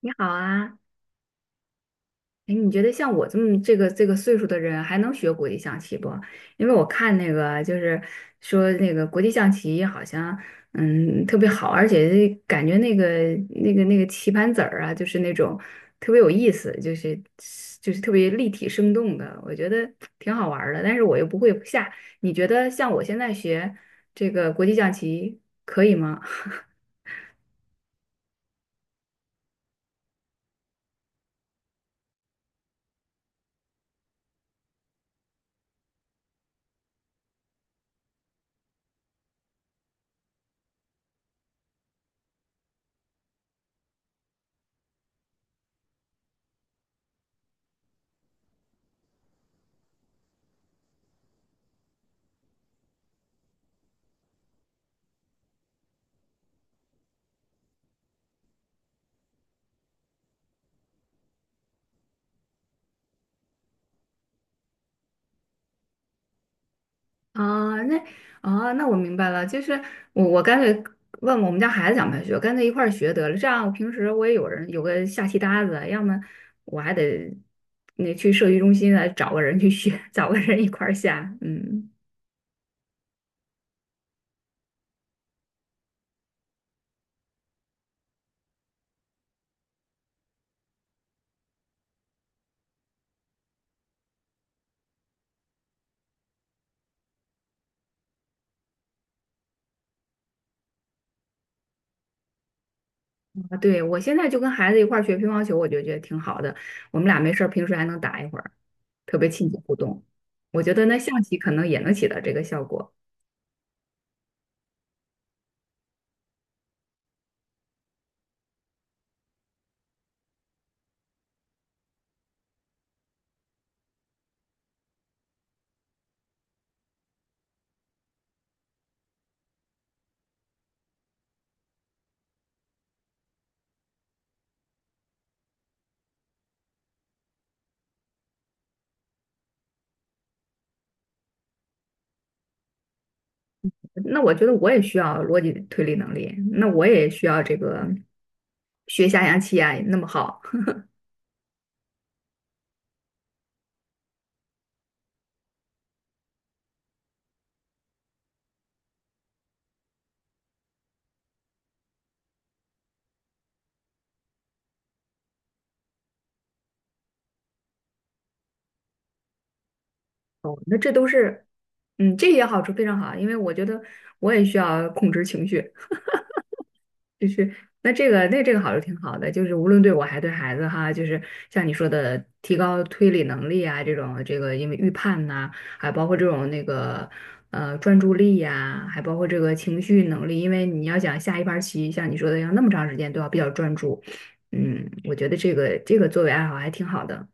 你好啊，哎，你觉得像我这么这个岁数的人还能学国际象棋不？因为我看那个就是说那个国际象棋好像特别好，而且感觉那个棋盘子儿啊，就是那种特别有意思，就是特别立体生动的，我觉得挺好玩儿的。但是我又不会下，你觉得像我现在学这个国际象棋可以吗？啊，那我明白了，就是我干脆问问我们家孩子想不想学，干脆一块儿学得了。这样我平时我也有人有个下棋搭子，要么我还得那去社区中心来找个人去学，找个人一块儿下。嗯，啊，对，我现在就跟孩子一块儿学乒乓球，我就觉得挺好的。我们俩没事儿，平时还能打一会儿，特别亲子互动。我觉得那象棋可能也能起到这个效果。那我觉得我也需要逻辑推理能力，那我也需要这个学下象棋啊，那么好，哦，那这都是，这也好处非常好，因为我觉得我也需要控制情绪，就是那这个好是挺好的，就是无论对我还对孩子哈，就是像你说的提高推理能力啊，这种这个因为预判呐、还包括这种那个专注力呀、还包括这个情绪能力，因为你要想下一盘棋，像你说的要那么长时间都要比较专注，我觉得这个作为爱好还挺好的。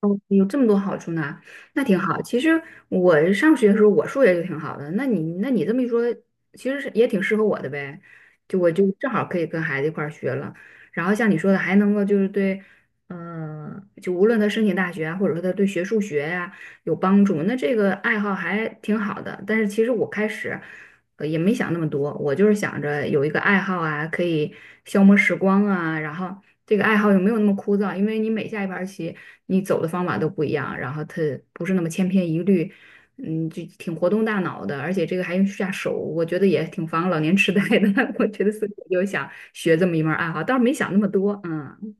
哦，有这么多好处呢，那挺好。其实我上学的时候，我数学就挺好的。那你这么一说，其实是也挺适合我的呗。就我就正好可以跟孩子一块儿学了。然后像你说的，还能够就是对，就无论他申请大学啊，或者说他对学数学呀、有帮助，那这个爱好还挺好的。但是其实我开始，也没想那么多，我就是想着有一个爱好啊，可以消磨时光啊，然后。这个爱好有没有那么枯燥，因为你每下一盘棋，你走的方法都不一样，然后它不是那么千篇一律，就挺活动大脑的，而且这个还用下手，我觉得也挺防老年痴呆的。我觉得所以我就想学这么一门爱好，倒是没想那么多，嗯。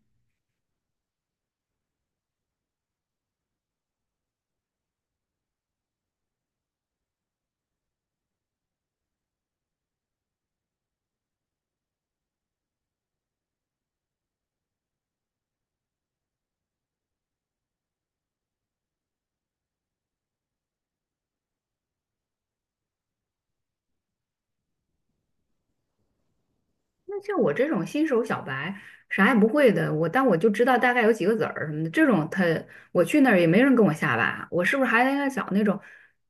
那像我这种新手小白，啥也不会的，但我就知道大概有几个子儿什么的，这种我去那儿也没人跟我下吧，我是不是还应该找那种，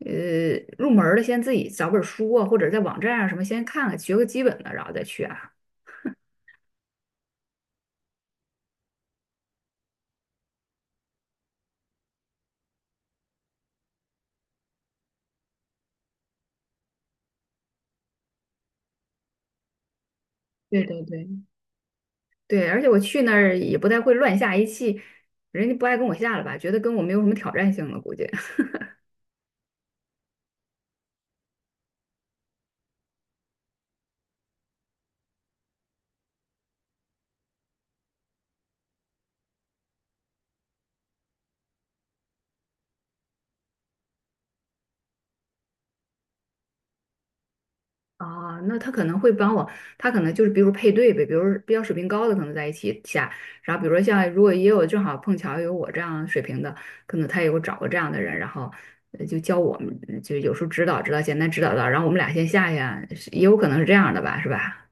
入门儿的先自己找本儿书啊，或者在网站上什么先看看，学个基本的，然后再去啊。对对对，对，而且我去那儿也不太会乱下一气，人家不爱跟我下了吧，觉得跟我没有什么挑战性了，估计。啊，那他可能会帮我，他可能就是比如配对呗，比如比较水平高的可能在一起下，然后比如说像如果也有正好碰巧有我这样水平的，可能他也会找个这样的人，然后就教我们，就有时候指导指导，简单指导到，然后我们俩先下下，是也有可能是这样的吧，是吧？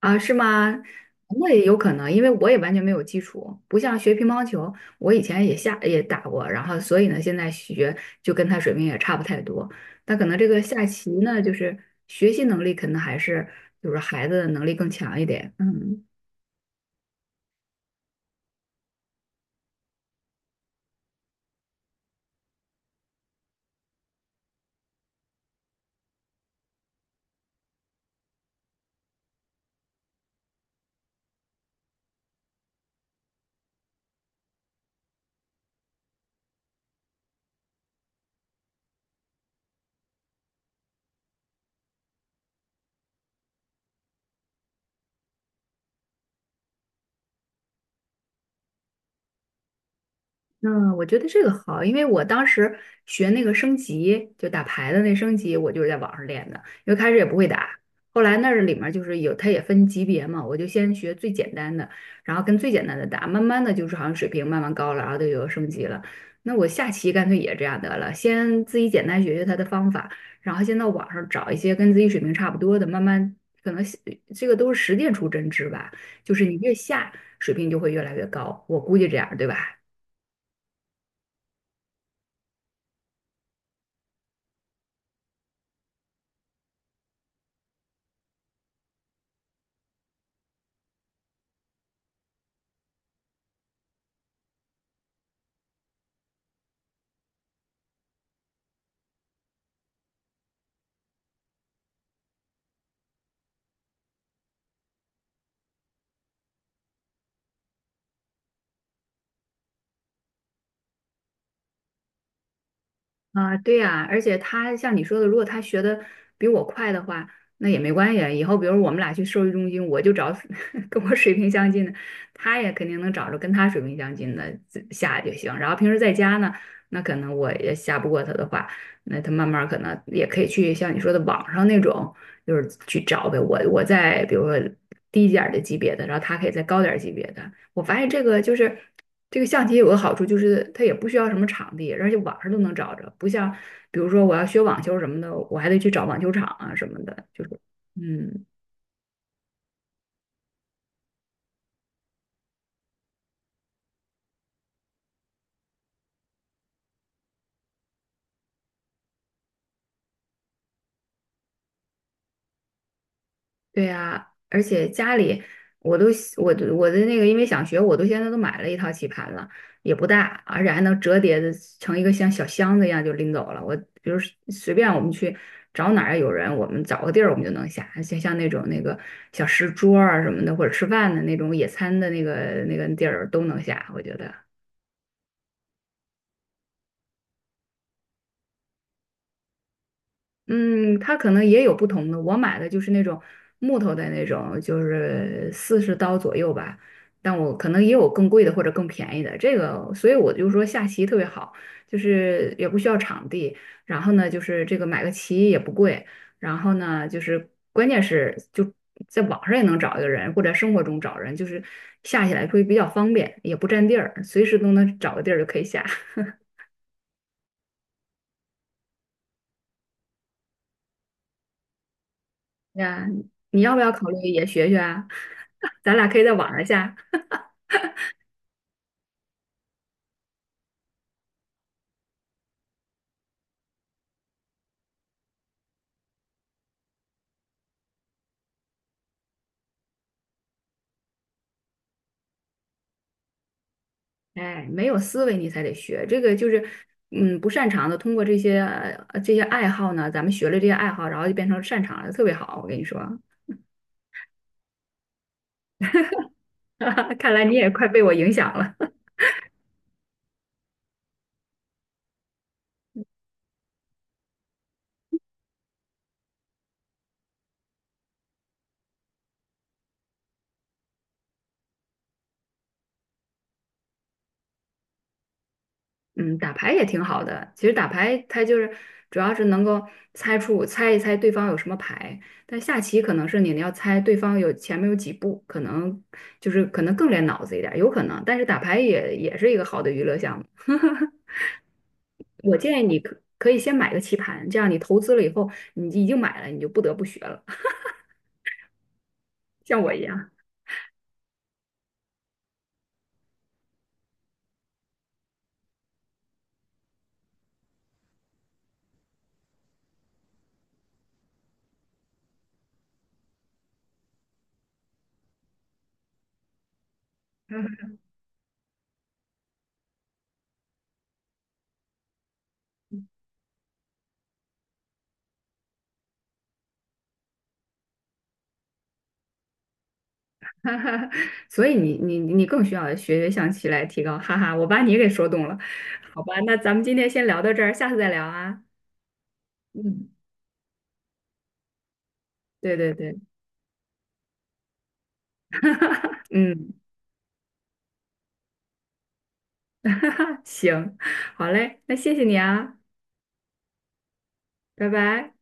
啊，是吗？那也有可能，因为我也完全没有基础，不像学乒乓球，我以前也下也打过，然后所以呢，现在学就跟他水平也差不太多。但可能这个下棋呢，就是学习能力可能还是就是孩子的能力更强一点。嗯。嗯，我觉得这个好，因为我当时学那个升级，就打牌的那升级，我就是在网上练的，因为开始也不会打，后来那儿里面儿就是有，它也分级别嘛，我就先学最简单的，然后跟最简单的打，慢慢的就是好像水平慢慢高了，然后就有升级了。那我下棋干脆也这样得了，先自己简单学学它的方法，然后先到网上找一些跟自己水平差不多的，慢慢可能这个都是实践出真知吧，就是你越下水平就会越来越高，我估计这样，对吧？啊，对呀，而且他像你说的，如果他学的比我快的话，那也没关系啊。以后比如我们俩去兽医中心，我就找 跟我水平相近的，他也肯定能找着跟他水平相近的自下就行。然后平时在家呢，那可能我也下不过他的话，那他慢慢儿可能也可以去像你说的网上那种，就是去找呗。我在比如说低一点儿的级别的，然后他可以再高点儿级别的。我发现这个就是。这个象棋有个好处就是它也不需要什么场地，而且网上都能找着，不像比如说我要学网球什么的，我还得去找网球场啊什么的，就是嗯，对呀，而且家里我都我的那个，因为想学，我都现在都买了一套棋盘了，也不大，而且还能折叠的成一个像小箱子一样就拎走了。我比如随便我们去找哪儿有人，我们找个地儿我们就能下，像那种那个小石桌儿啊什么的，或者吃饭的那种野餐的那个地儿都能下，我觉得。嗯，它可能也有不同的。我买的就是那种木头的那种，就是40刀左右吧。但我可能也有更贵的或者更便宜的。这个，所以我就说下棋特别好，就是也不需要场地，然后呢，就是这个买个棋也不贵，然后呢，就是关键是就在网上也能找一个人，或者生活中找人，就是下起来会比较方便，也不占地儿，随时都能找个地儿就可以下。呀，你要不要考虑也学学啊？咱俩可以在网上下。哎，没有思维你才得学，这个就是，不擅长的，通过这些爱好呢，咱们学了这些爱好，然后就变成擅长了，特别好。我跟你说，看来你也快被我影响了。嗯，打牌也挺好的，其实打牌它就是主要是能够猜一猜对方有什么牌，但下棋可能是你要猜对方有前面有几步，可能就是可能更练脑子一点儿有可能。但是打牌也是一个好的娱乐项目。我建议你可以先买个棋盘，这样你投资了以后，你已经买了，你就不得不学了，像我一样。哈哈所以你更需要学学象棋来提高。哈哈，我把你给说动了，好吧，那咱们今天先聊到这儿，下次再聊啊。嗯，对对对，嗯，行，好嘞，那谢谢你啊，拜拜。